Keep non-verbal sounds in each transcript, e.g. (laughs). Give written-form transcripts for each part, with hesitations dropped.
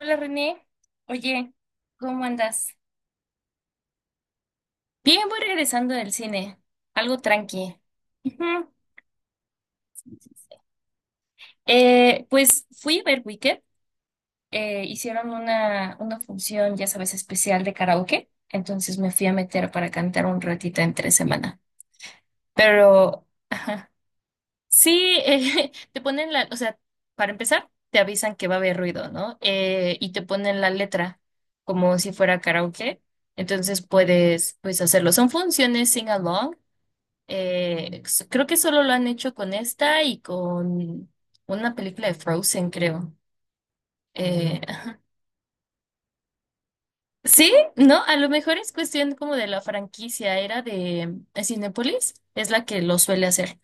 Hola René, oye, ¿cómo andas? Bien, voy regresando del cine, algo tranqui. Ujú. Pues fui a ver Wicked. Hicieron una función, ya sabes, especial de karaoke, entonces me fui a meter para cantar un ratito entre semana. Pero sí, (laughs) te ponen la, o sea, para empezar, te avisan que va a haber ruido, ¿no? Y te ponen la letra como si fuera karaoke. Entonces puedes, pues, hacerlo. Son funciones sing along. Creo que solo lo han hecho con esta y con una película de Frozen, creo. Eh, (laughs) sí, no, a lo mejor es cuestión como de la franquicia, era de Cinépolis, es la que lo suele hacer.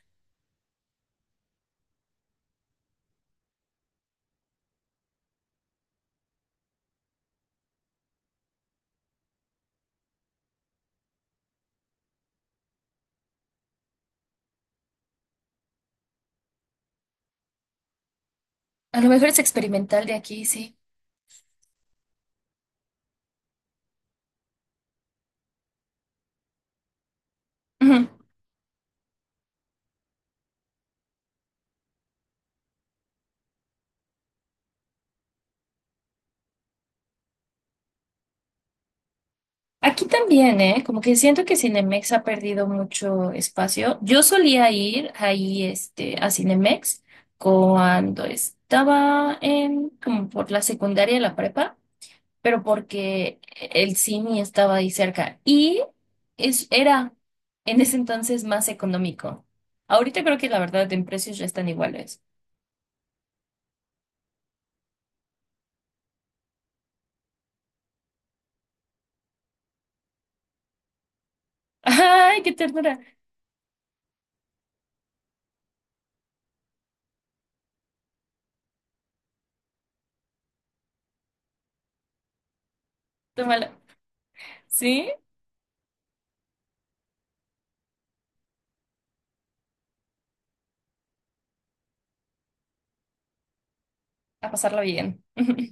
A lo mejor es experimental de aquí, sí. Ujú. Aquí también, ¿eh? Como que siento que Cinemex ha perdido mucho espacio. Yo solía ir ahí, este, a Cinemex cuando estaba en, como por la secundaria y la prepa, pero porque el cine estaba ahí cerca y es, era en ese entonces más económico. Ahorita creo que la verdad en precios ya están iguales. (laughs) ¡Ay, qué ternura! Tómala. ¿Sí? A pasarla bien. (laughs)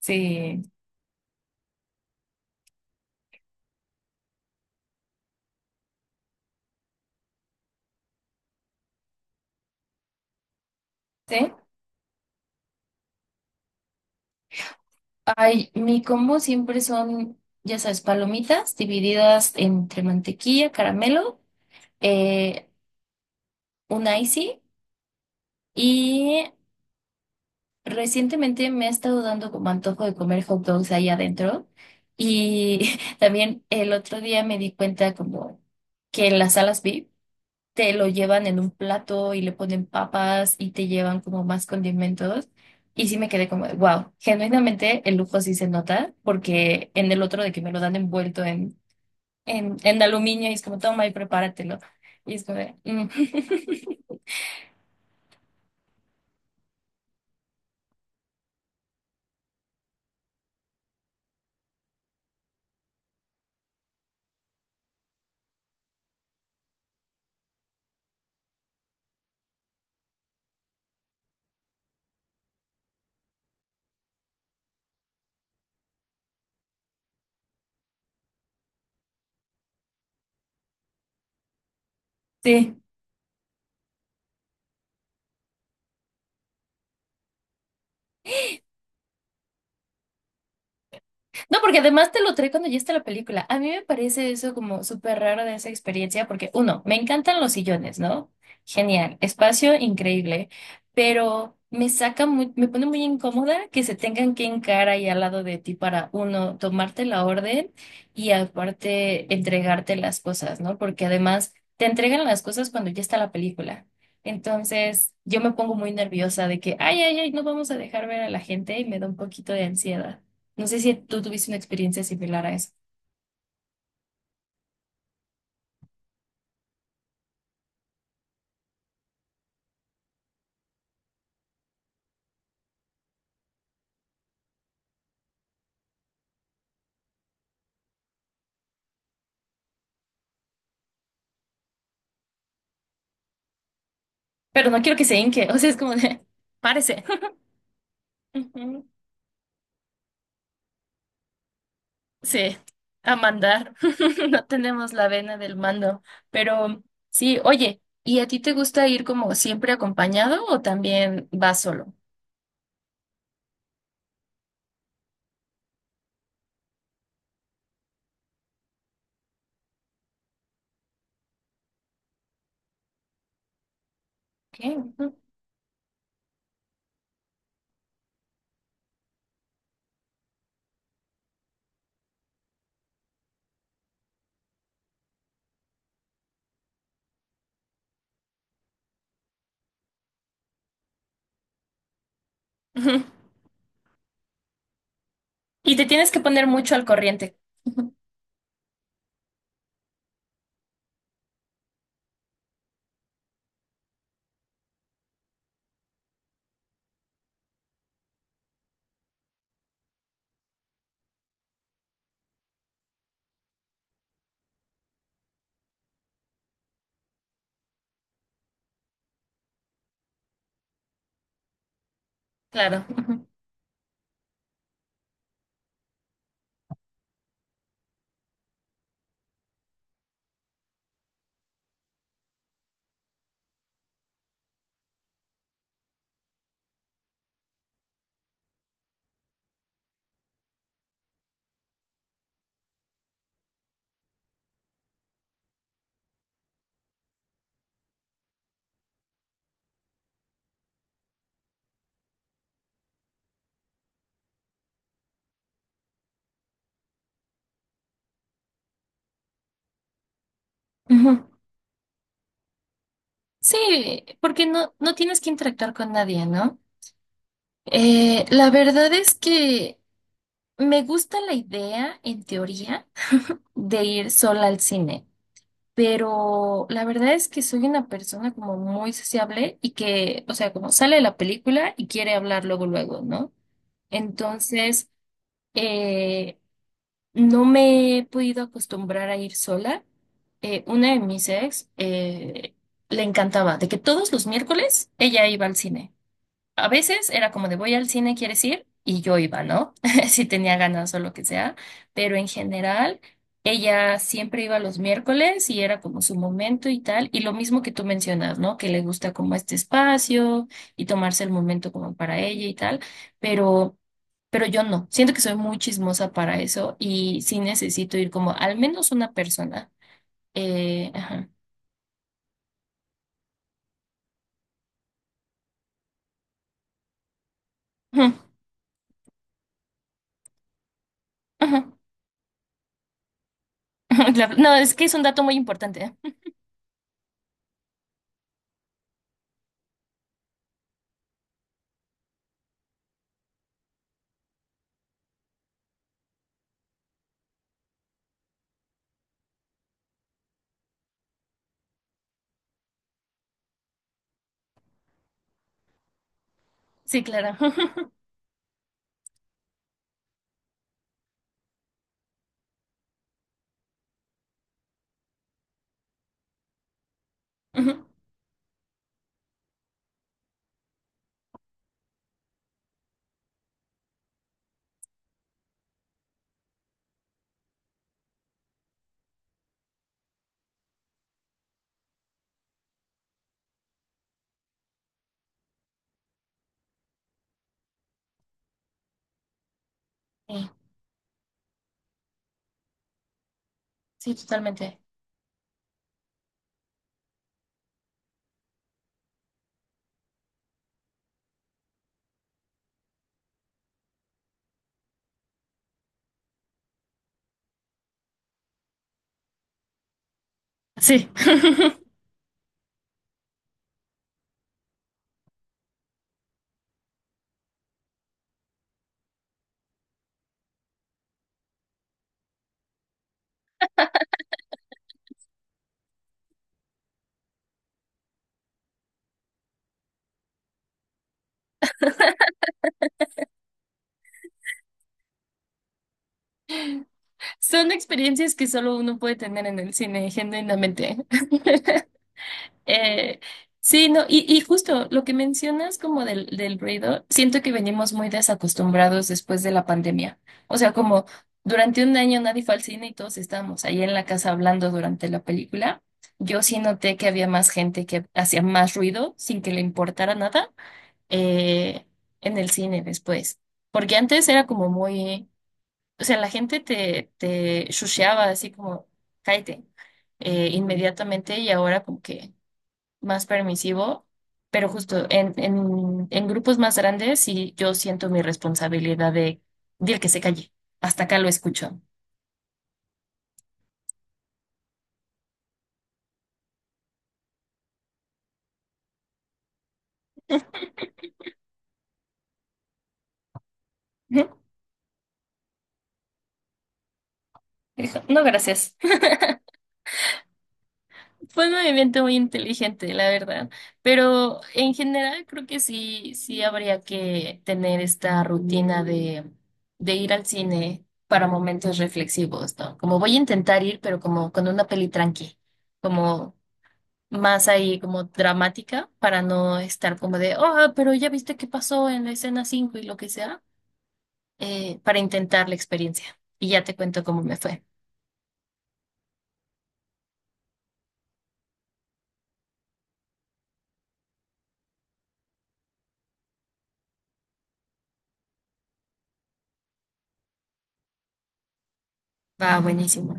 Sí. ¿Sí? Ay, mi combo siempre son, ya sabes, palomitas divididas entre mantequilla, caramelo, eh, un icy y recientemente me ha estado dando como antojo de comer hot dogs ahí adentro y (laughs) también el otro día me di cuenta como que en las salas VIP te lo llevan en un plato y le ponen papas y te llevan como más condimentos. Y sí me quedé como, wow, genuinamente el lujo sí se nota, porque en el otro de que me lo dan envuelto en, en aluminio y es como, toma y prepáratelo. Y es como, de, "Mm". (laughs) Sí. No, porque además te lo trae cuando ya está la película. A mí me parece eso como súper raro de esa experiencia, porque uno, me encantan los sillones, ¿no? Genial, espacio increíble, pero me saca muy, me pone muy incómoda que se tengan que encarar ahí al lado de ti para uno, tomarte la orden y aparte entregarte las cosas, ¿no? Porque además te entregan las cosas cuando ya está la película. Entonces, yo me pongo muy nerviosa de que, ay, ay, ay, no vamos a dejar ver a la gente y me da un poquito de ansiedad. No sé si tú tuviste una experiencia similar a eso, pero no quiero que se hinque, o sea, es como de, párese. (laughs) Ujú. Sí, a mandar. (laughs) No tenemos la vena del mando, pero sí, oye, ¿y a ti te gusta ir como siempre acompañado o también vas solo? ¿Qué? Ujú. (laughs) Ujú. Y te tienes que poner mucho al corriente. Ujú. Claro. Ujú. Ujú. Sí, porque no, no tienes que interactuar con nadie, ¿no? La verdad es que me gusta la idea en teoría de ir sola al cine, pero la verdad es que soy una persona como muy sociable y que, o sea, como sale de la película y quiere hablar luego, luego, ¿no? Entonces, eh, no me he podido acostumbrar a ir sola. Una de mis ex le encantaba, de que todos los miércoles ella iba al cine. A veces era como de voy al cine, ¿quieres ir? Y yo iba, ¿no? (laughs) Si tenía ganas o lo que sea, pero en general ella siempre iba los miércoles y era como su momento y tal, y lo mismo que tú mencionas, ¿no? Que le gusta como este espacio y tomarse el momento como para ella y tal, pero pero yo no, siento que soy muy chismosa para eso y sí necesito ir como al menos una persona. Ajá. (laughs) Ujú, ujú, ujú, claro. No, es que es un dato muy importante. ¿Eh? Sí, claro. (laughs) Ujú, sí. Sí, totalmente. Sí. (laughs) Son experiencias que solo uno puede tener en el cine, genuinamente. (laughs) Eh, sí, no, y justo lo que mencionas como del, del ruido, siento que venimos muy desacostumbrados después de la pandemia. O sea, como durante un año nadie fue al cine y todos estábamos ahí en la casa hablando durante la película. Yo sí noté que había más gente que hacía más ruido sin que le importara nada eh, en el cine después. Porque antes era como muy... O sea, la gente te, te shusheaba así como, cállate, inmediatamente y ahora como que más permisivo, pero justo en, en grupos más grandes y yo siento mi responsabilidad de que se calle, hasta acá lo escucho. Ujú. Dijo, no, gracias. Fue un movimiento muy inteligente, la verdad, pero en general creo que sí, sí habría que tener esta rutina de ir al cine para momentos reflexivos, ¿no? Como voy a intentar ir, pero como con una peli tranqui, como más ahí como dramática, para no estar como de, oh, pero ya viste qué pasó en la escena 5 y lo que sea, para intentar la experiencia. Y ya te cuento cómo me fue. Va, buenísimo.